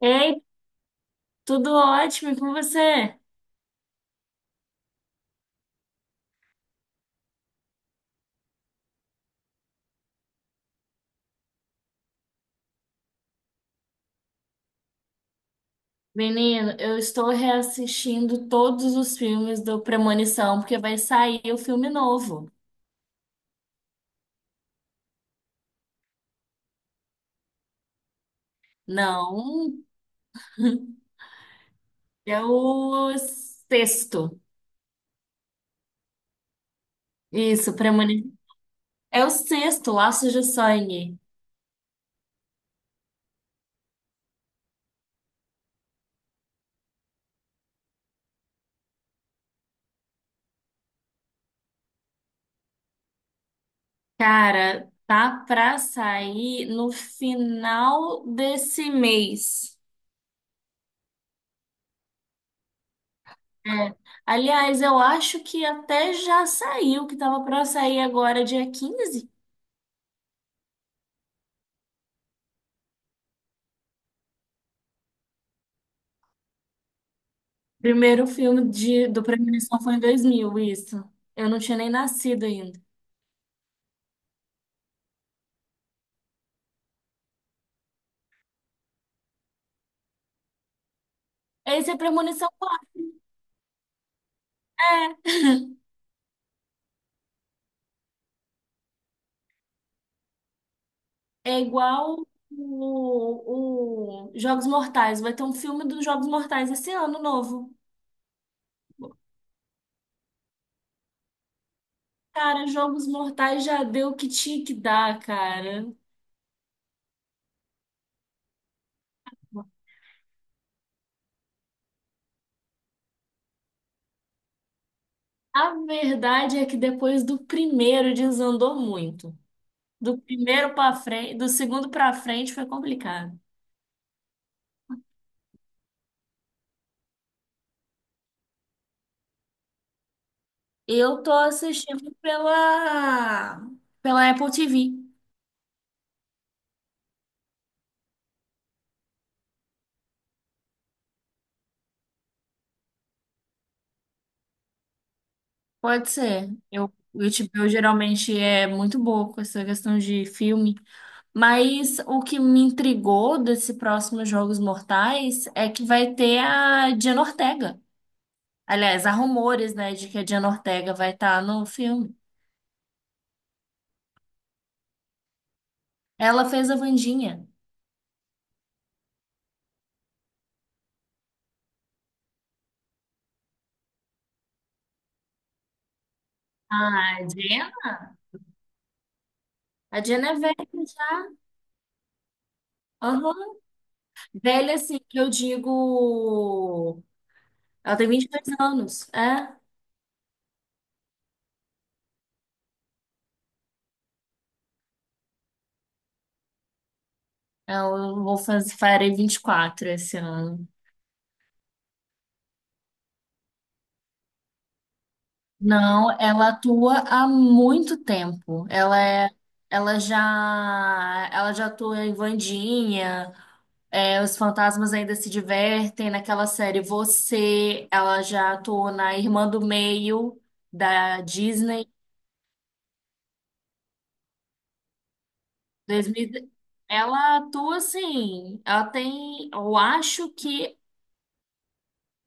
Ei, tudo ótimo, e com você? Menino, eu estou reassistindo todos os filmes do Premonição, porque vai sair o filme novo. Não, é o sexto. Isso, Premonição. É o sexto, Laços de Sangue. Cara, tá pra sair no final desse mês. É. Aliás, eu acho que até já saiu, que tava pra sair agora, dia 15. Primeiro filme de, do Premonição foi em 2000 isso. Eu não tinha nem nascido ainda. Esse é Premonição 4. É, é igual o Jogos Mortais. Vai ter um filme dos Jogos Mortais esse ano novo. Cara, Jogos Mortais já deu o que tinha que dar, cara. A verdade é que depois do primeiro desandou muito. Do primeiro pra frente, do segundo pra frente foi complicado. Eu tô assistindo pela Apple TV. Pode ser. Eu, o HBO geralmente é muito boa com essa questão de filme. Mas o que me intrigou desse próximo Jogos Mortais é que vai ter a Diana Ortega. Aliás, há rumores, né, de que a Diana Ortega vai estar no filme. Ela fez a Wandinha. Ah, a Diana? A Diana é velha já. Aham. Velha, assim, que eu digo. Ela tem 22 anos. É? Eu vou fazer, farei 24 esse ano. Não, ela atua há muito tempo. Ela é, ela já, ela já atua em Wandinha, é, Os Fantasmas Ainda Se Divertem, naquela série Você, ela já atua na Irmã do Meio da Disney. 2000, ela atua assim, ela tem, eu acho que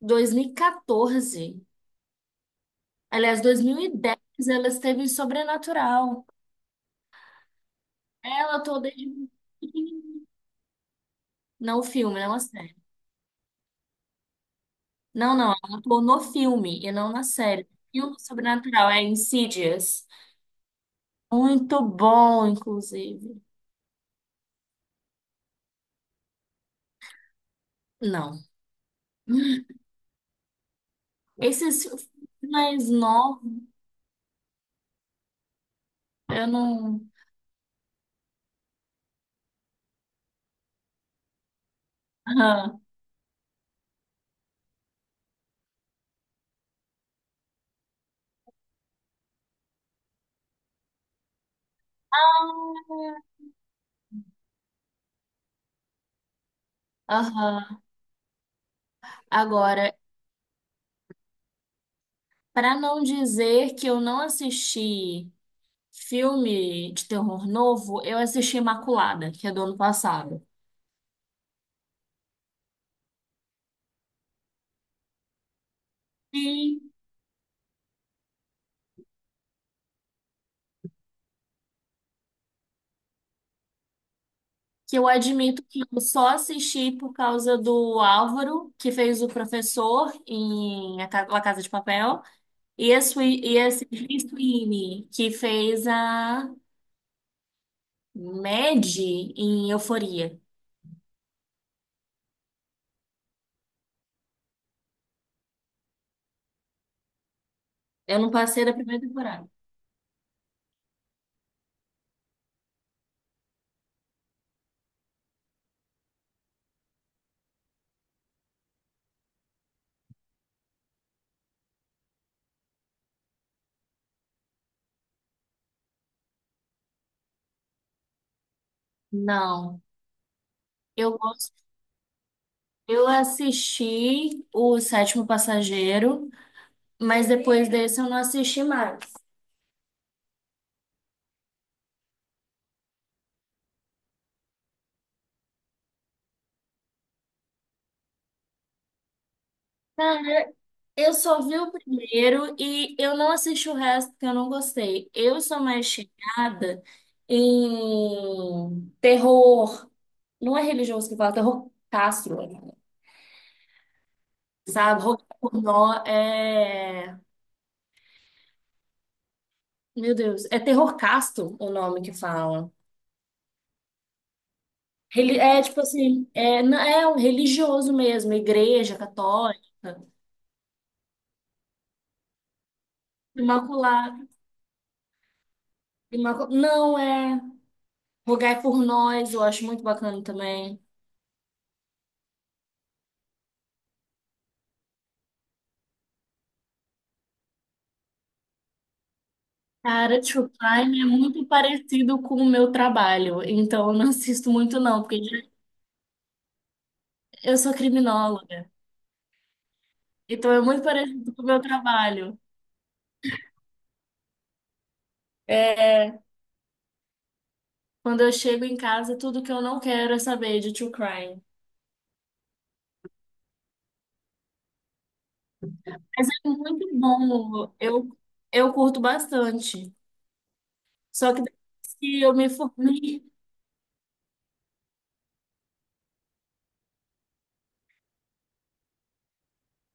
2014, aliás, 2010, ela esteve em Sobrenatural. Ela atua desde pequenininha. Não o filme, não a série. Não, não, ela atuou no filme e não na série. Filme sobrenatural, é Insidious. Muito bom, inclusive. Não. Esses mais novos, eu não. Aham. Ah, aham. Agora, para não dizer que eu não assisti filme de terror novo, eu assisti Imaculada, que é do ano passado. Sim. Que eu admito que eu só assisti por causa do Álvaro, que fez o professor em A Ca- La Casa de Papel, e a Sui- e a Sydney Sweeney, que fez a Maddie em Euforia. Eu não passei da primeira temporada. Não. Eu gosto. Eu assisti o Sétimo Passageiro, mas depois desse eu não assisti mais. Eu só vi o primeiro e eu não assisti o resto porque eu não gostei. Eu sou mais chegada em terror, não é religioso que fala, terror castro, sabe? Terror pornô é, meu Deus, é terror casto o nome que fala. Reli- é tipo assim, é, não- é um religioso mesmo, igreja católica, imaculada, imacu- não é, rogai por nós, eu acho muito bacana também. Cara, True Crime é muito parecido com o meu trabalho, então eu não assisto muito não, porque já- eu sou criminóloga, então é muito parecido com o meu trabalho. É, quando eu chego em casa, tudo que eu não quero é saber de True Crime. Mas é muito bom, eu curto bastante. Só que depois que eu me formei,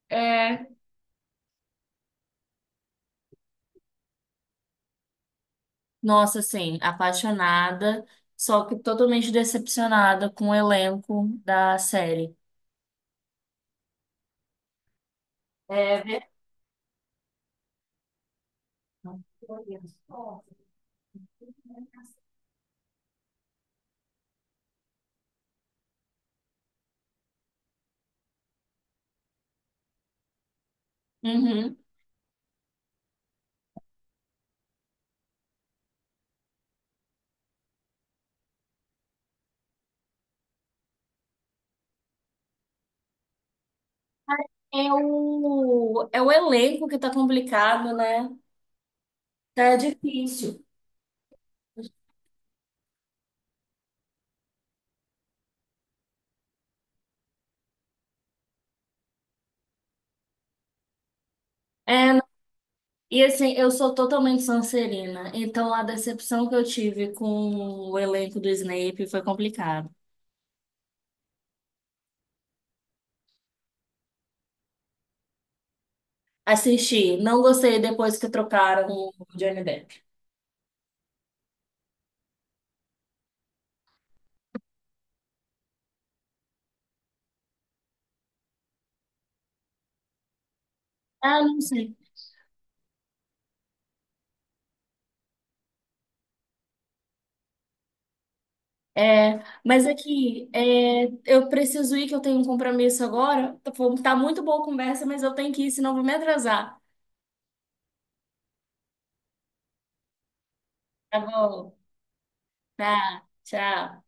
é, nossa, assim, apaixonada, só que totalmente decepcionada com o elenco da série. É verdade. Uhum. É o elenco que tá complicado, né? Tá difícil. É, e assim, eu sou totalmente Sonserina, então a decepção que eu tive com o elenco do Snape foi complicado. Assisti, não gostei depois que trocaram o Johnny Depp. Ah, não sei. É, mas aqui, é, eu preciso ir, que eu tenho um compromisso agora. Tá muito boa a conversa, mas eu tenho que ir, senão eu vou me atrasar. Tá bom, tá, tchau.